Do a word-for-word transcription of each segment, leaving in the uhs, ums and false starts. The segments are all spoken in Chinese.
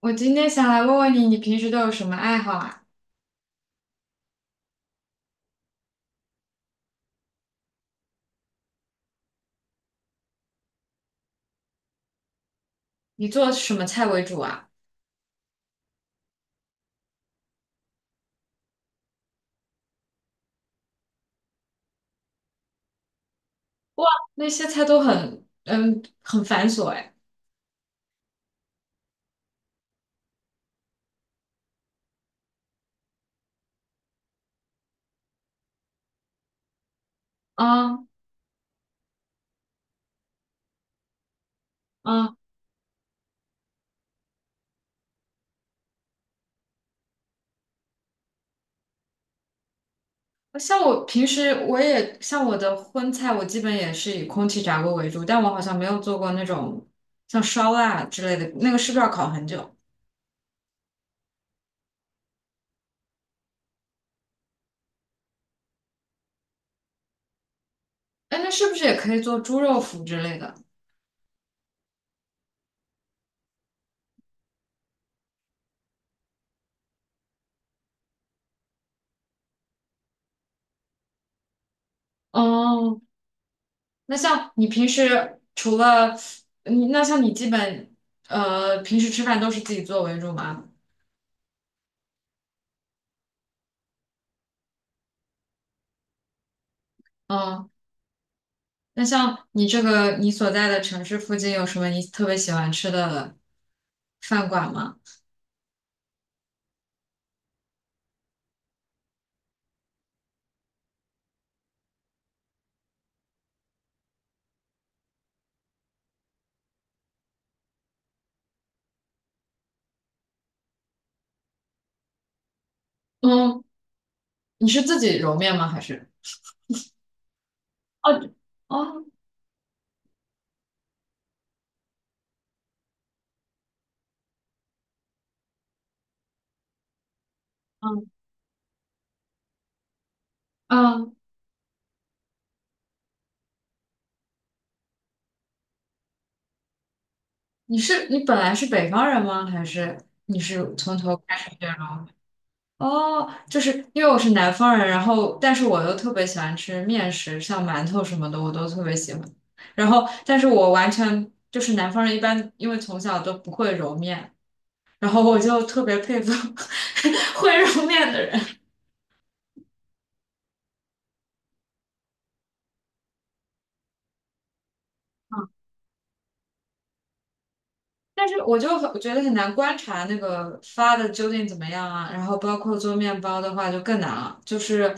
我今天想来问问你，你平时都有什么爱好啊？你做什么菜为主啊？哇，那些菜都很，嗯，很繁琐哎。啊。啊，像我平时我也像我的荤菜，我基本也是以空气炸锅为主，但我好像没有做过那种像烧腊之类的，那个是不是要烤很久？哎，那是不是也可以做猪肉脯之类的？哦，那像你平时除了你，那像你基本呃平时吃饭都是自己做为主吗？嗯。那像你这个你所在的城市附近有什么你特别喜欢吃的饭馆吗？嗯，你是自己揉面吗？还是？哦。哦。嗯。嗯，你是你本来是北方人吗？还是你是从头开始学揉？哦，就是因为我是南方人，然后但是我又特别喜欢吃面食，像馒头什么的，我都特别喜欢。然后，但是我完全就是南方人，一般因为从小都不会揉面，然后我就特别佩服 会揉面的人，但是我就很我觉得很难观察那个发的究竟怎么样啊。然后包括做面包的话就更难了，就是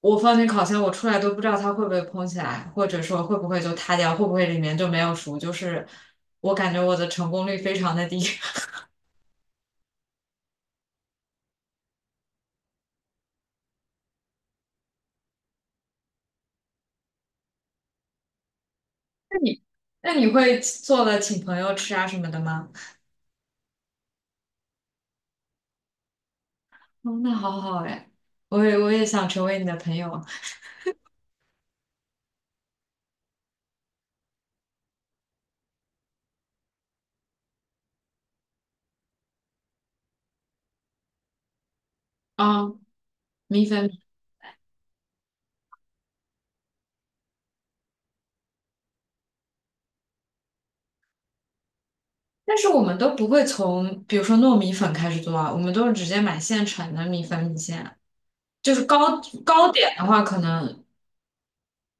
我放进烤箱，我出来都不知道它会不会蓬起来，或者说会不会就塌掉，会不会里面就没有熟，就是我感觉我的成功率非常的低。那你会做了请朋友吃啊什么的吗？哦，那好好哎，我也我也想成为你的朋友啊。嗯。米粉。但是我们都不会从，比如说糯米粉开始做啊，我们都是直接买现成的米粉米线。就是糕糕点的话，可能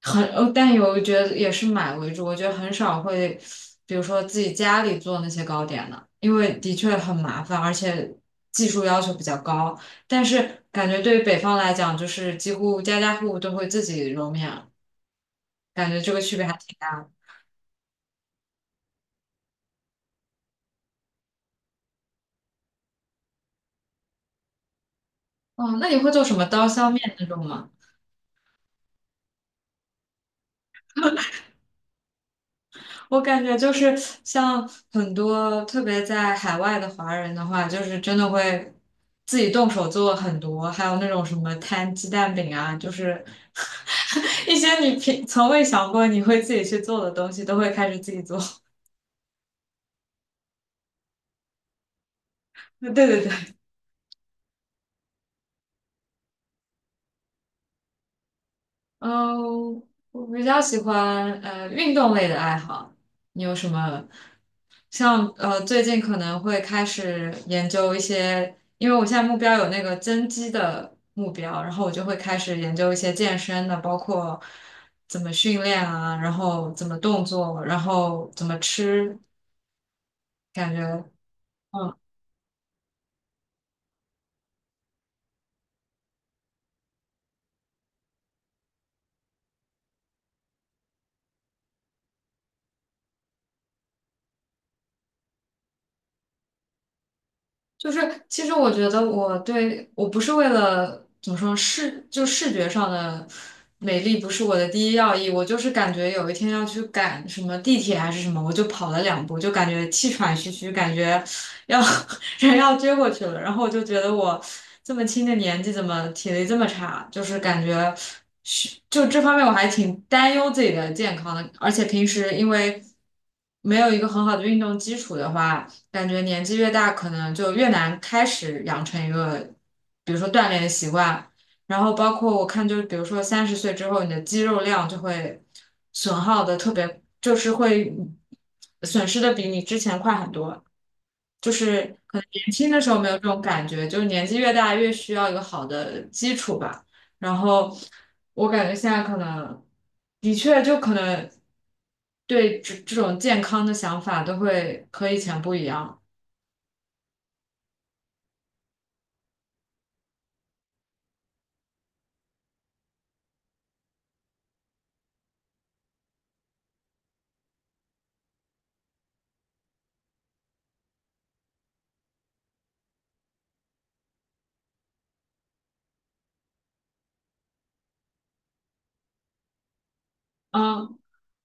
很，呃但有我觉得也是买为主。我觉得很少会，比如说自己家里做那些糕点的，因为的确很麻烦，而且技术要求比较高。但是感觉对于北方来讲，就是几乎家家户户都会自己揉面，感觉这个区别还挺大的。哦，那你会做什么刀削面那种吗？我感觉就是像很多特别在海外的华人的话，就是真的会自己动手做很多，还有那种什么摊鸡蛋饼啊，就是 一些你平从未想过你会自己去做的东西，都会开始自己做。对对对。嗯，我比较喜欢呃运动类的爱好。你有什么？像呃最近可能会开始研究一些，因为我现在目标有那个增肌的目标，然后我就会开始研究一些健身的，包括怎么训练啊，然后怎么动作，然后怎么吃，感觉。嗯。就是其实我觉得我对我不是为了怎么说视就视觉上的美丽不是我的第一要义，我就是感觉有一天要去赶什么地铁还是什么，我就跑了两步，就感觉气喘吁吁，感觉要 人要撅过去了，然后我就觉得我这么轻的年纪怎么体力这么差，就是感觉是就这方面我还挺担忧自己的健康的，而且平时因为没有一个很好的运动基础的话。感觉年纪越大，可能就越难开始养成一个，比如说锻炼的习惯。然后包括我看，就是比如说三十岁之后，你的肌肉量就会损耗的特别，就是会损失的比你之前快很多。就是可能年轻的时候没有这种感觉，就是年纪越大越需要一个好的基础吧。然后我感觉现在可能的确就可能对这这种健康的想法都会和以前不一样了。嗯，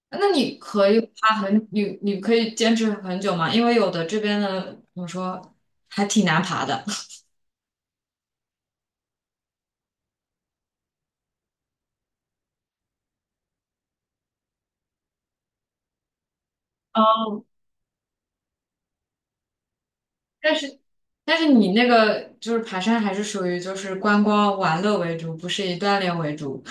那你可以爬很，你你可以坚持很久吗？因为有的这边的怎么说，还挺难爬的。但是但是你那个就是爬山还是属于就是观光玩乐为主，不是以锻炼为主。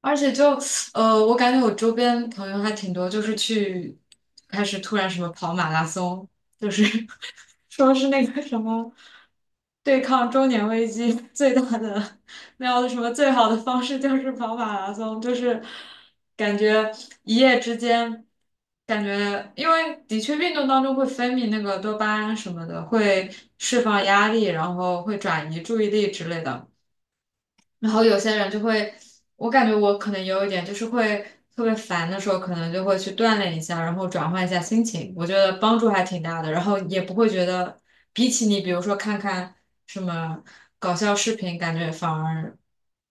而且就呃，我感觉我周边朋友还挺多，就是去开始突然什么跑马拉松，就是 说是那个什么对抗中年危机 最大的那样的什么最好的方式就是跑马拉松，就是感觉一夜之间，感觉因为的确运动当中会分泌那个多巴胺什么的，会释放压力，然后会转移注意力之类的。然后有些人就会，我感觉我可能有一点，就是会特别烦的时候，可能就会去锻炼一下，然后转换一下心情，我觉得帮助还挺大的。然后也不会觉得，比起你比如说看看什么搞笑视频，感觉反而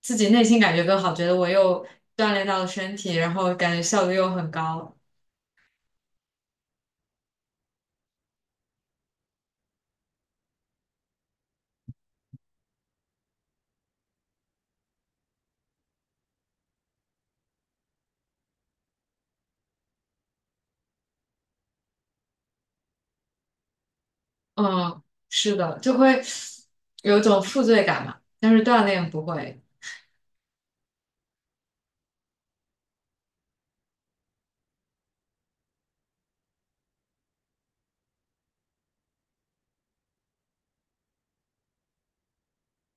自己内心感觉更好，觉得我又锻炼到了身体，然后感觉效率又很高。嗯，是的，就会有一种负罪感嘛，但是锻炼不会。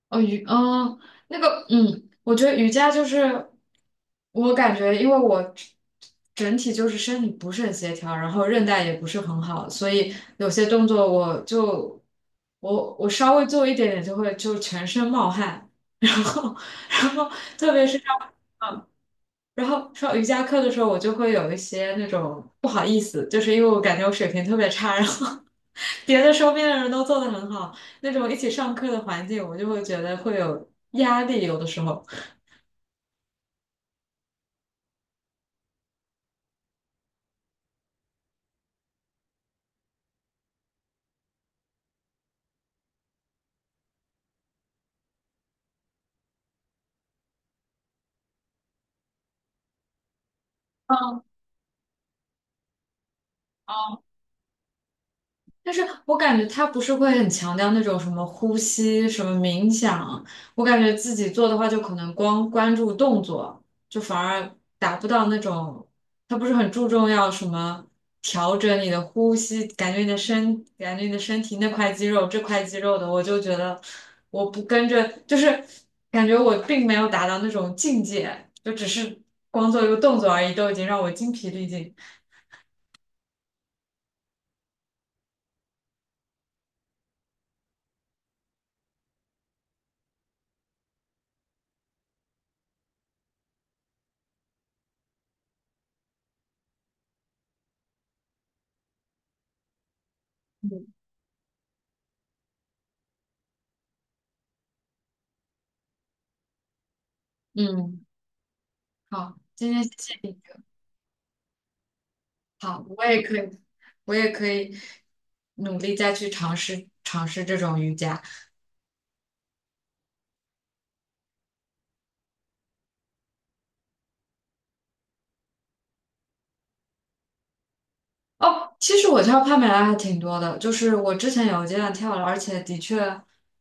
哦，瑜，嗯，那个，嗯，我觉得瑜伽就是，我感觉，因为我整整体就是身体不是很协调，然后韧带也不是很好，所以有些动作我就，我我稍微做一点点就会就全身冒汗，然后。然后特别是上，然后上瑜伽课的时候，我就会有一些那种不好意思，就是因为我感觉我水平特别差，然后别的周边的人都做得很好，那种一起上课的环境，我就会觉得会有压力，有的时候。嗯。但是我感觉他不是会很强调那种什么呼吸、什么冥想，我感觉自己做的话，就可能光关注动作，就反而达不到那种，他不是很注重要什么调整你的呼吸，感觉你的身，感觉你的身体那块肌肉、这块肌肉的，我就觉得我不跟着，就是感觉我并没有达到那种境界，就只是光做一个动作而已，都已经让我精疲力尽。嗯，好，今天谢谢你。好，我也可以，我也可以努力再去尝试尝试这种瑜伽。哦，其实我跳帕梅拉还挺多的，就是我之前有一阶段跳了，而且的确，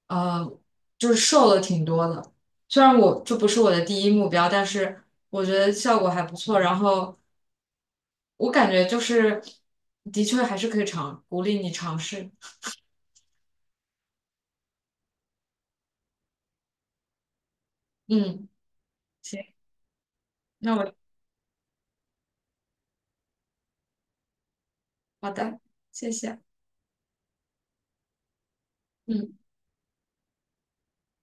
呃，就是瘦了挺多的。虽然我这不是我的第一目标，但是我觉得效果还不错。然后我感觉就是，的确还是可以尝，鼓励你尝试。嗯，行，那我好的，谢谢。嗯。